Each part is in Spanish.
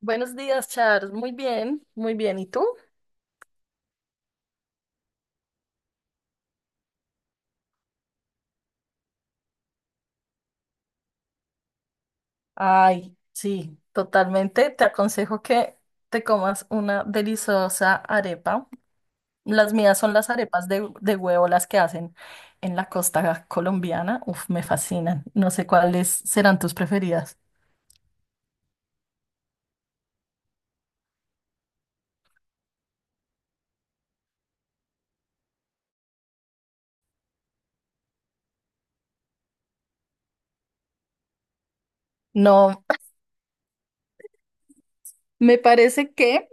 Buenos días, Charles. Muy bien, muy bien. ¿Y tú? Ay, sí, totalmente. Te aconsejo que te comas una deliciosa arepa. Las mías son las arepas de huevo, las que hacen en la costa colombiana. Uf, me fascinan. No sé cuáles serán tus preferidas. No, me parece que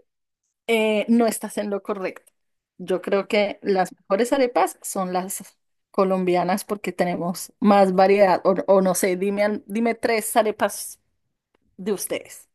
no estás en lo correcto. Yo creo que las mejores arepas son las colombianas porque tenemos más variedad. O no sé, dime, dime tres arepas de ustedes.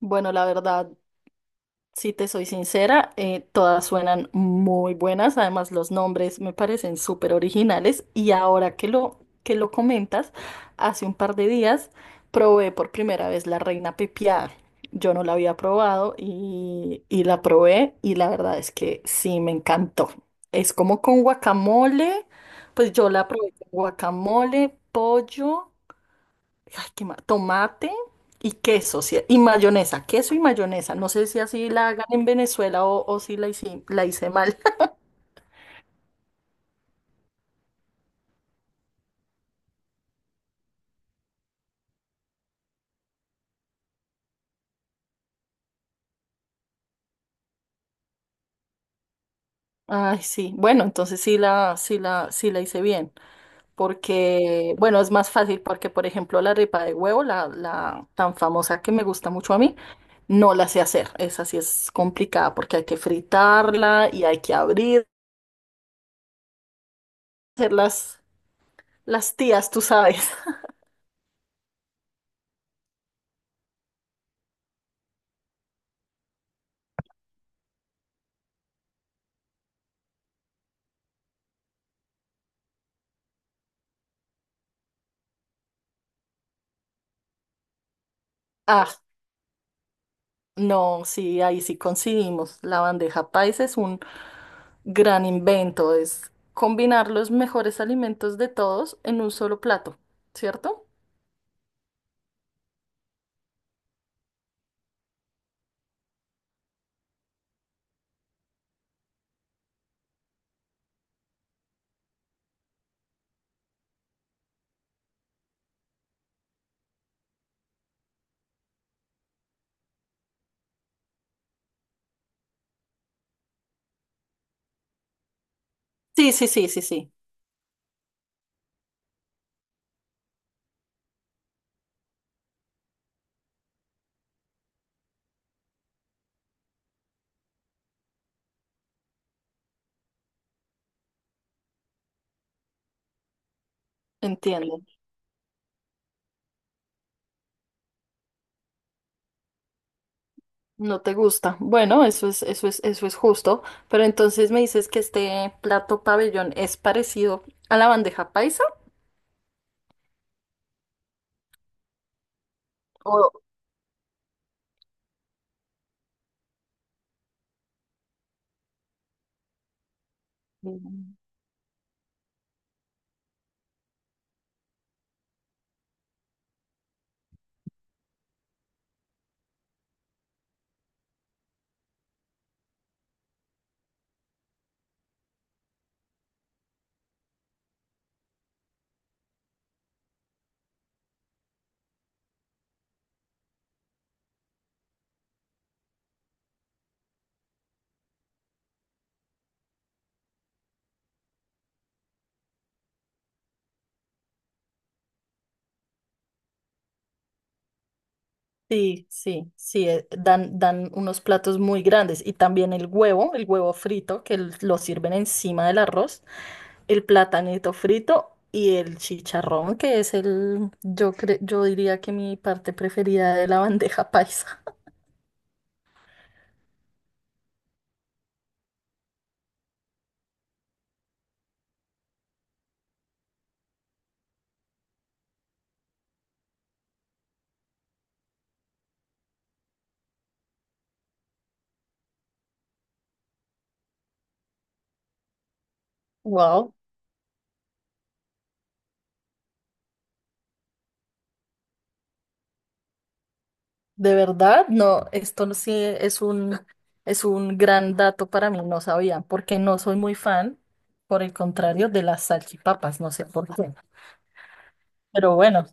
Bueno, la verdad, si te soy sincera, todas suenan muy buenas. Además, los nombres me parecen súper originales. Y ahora que lo comentas, hace un par de días probé por primera vez la reina pepiada. Yo no la había probado y la probé y la verdad es que sí, me encantó. Es como con guacamole, pues yo la probé con guacamole, pollo. Ay, tomate y queso, sí, y mayonesa, queso y mayonesa. No sé si así la hagan en Venezuela o si la hice, la hice mal. Ay, sí. Bueno, entonces sí la hice bien. Porque, bueno, es más fácil porque, por ejemplo, la arepa de huevo, la tan famosa que me gusta mucho a mí, no la sé hacer. Esa sí es complicada porque hay que fritarla y hay que abrir, hacer las tías, tú sabes. Ah, no, sí, ahí sí coincidimos. La bandeja paisa es un gran invento. Es combinar los mejores alimentos de todos en un solo plato, ¿cierto? Sí, sí, sí, sí, sí. Entiendo. No te gusta. Bueno, eso es justo. Pero entonces me dices que este plato pabellón es parecido a la bandeja paisa. O... Sí, sí, sí, dan unos platos muy grandes y también el huevo frito que lo sirven encima del arroz, el platanito frito y el chicharrón que es el, yo diría que mi parte preferida de la bandeja paisa. Wow, de verdad, esto no- sí es un gran dato para mí, no sabía, porque no soy muy fan, por el contrario, de las salchipapas, no sé por qué, pero bueno.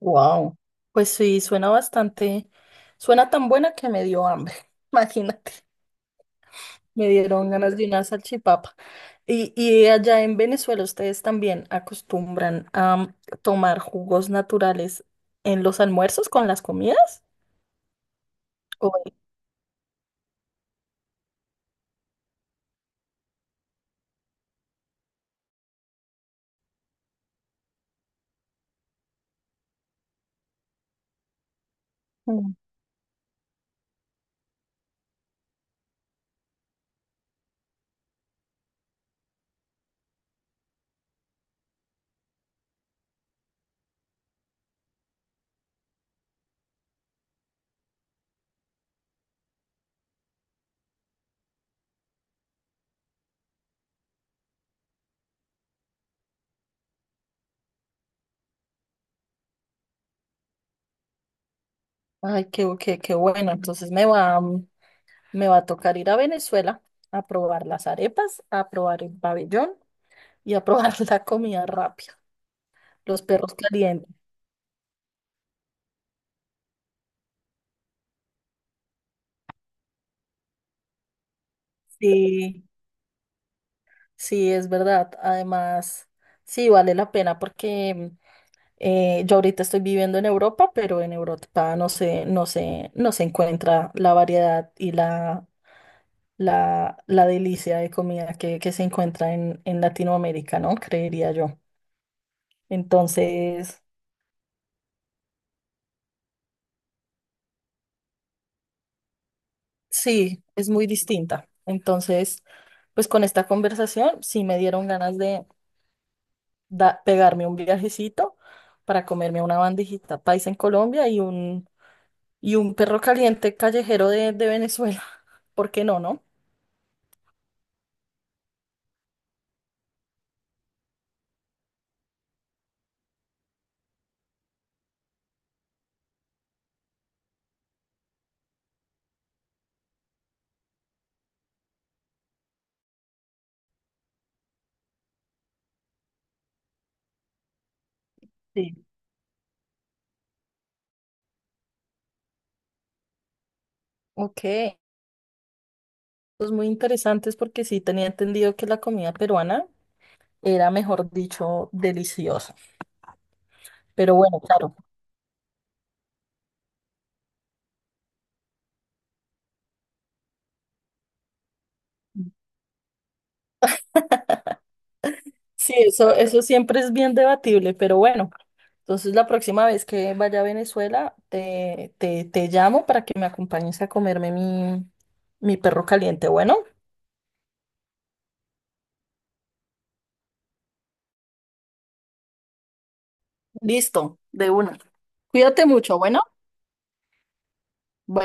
Wow. Pues sí, suena bastante, suena tan buena que me dio hambre. Imagínate, me dieron ganas de una salchipapa. Y allá en Venezuela ustedes también acostumbran a tomar jugos naturales en los almuerzos con las comidas. ¿O- Mm. Ay, qué bueno. Entonces mm, me va a tocar ir a Venezuela a probar las arepas, a probar el pabellón y a probar la comida rápida, los perros calientes. Sí. Sí, es verdad. Además, sí, vale la pena porque yo ahorita estoy viviendo en Europa, pero en Europa no se encuentra la variedad y la delicia de comida que se encuentra en Latinoamérica, ¿no? Creería yo. Entonces, sí, es muy distinta. Entonces, pues con esta conversación sí me dieron ganas de pegarme un viajecito para comerme una bandejita paisa en Colombia y un y un perro caliente callejero de Venezuela. ¿Por qué no, no? Sí. Ok. Pues muy interesantes porque sí tenía entendido que la comida peruana era, mejor dicho, deliciosa. Pero bueno, claro. Sí, eso siempre es bien debatible, pero bueno. Entonces la próxima vez que vaya a Venezuela, te llamo para que me acompañes a comerme mi, mi perro caliente. Bueno, listo, de una. Cuídate mucho, bueno. Bueno.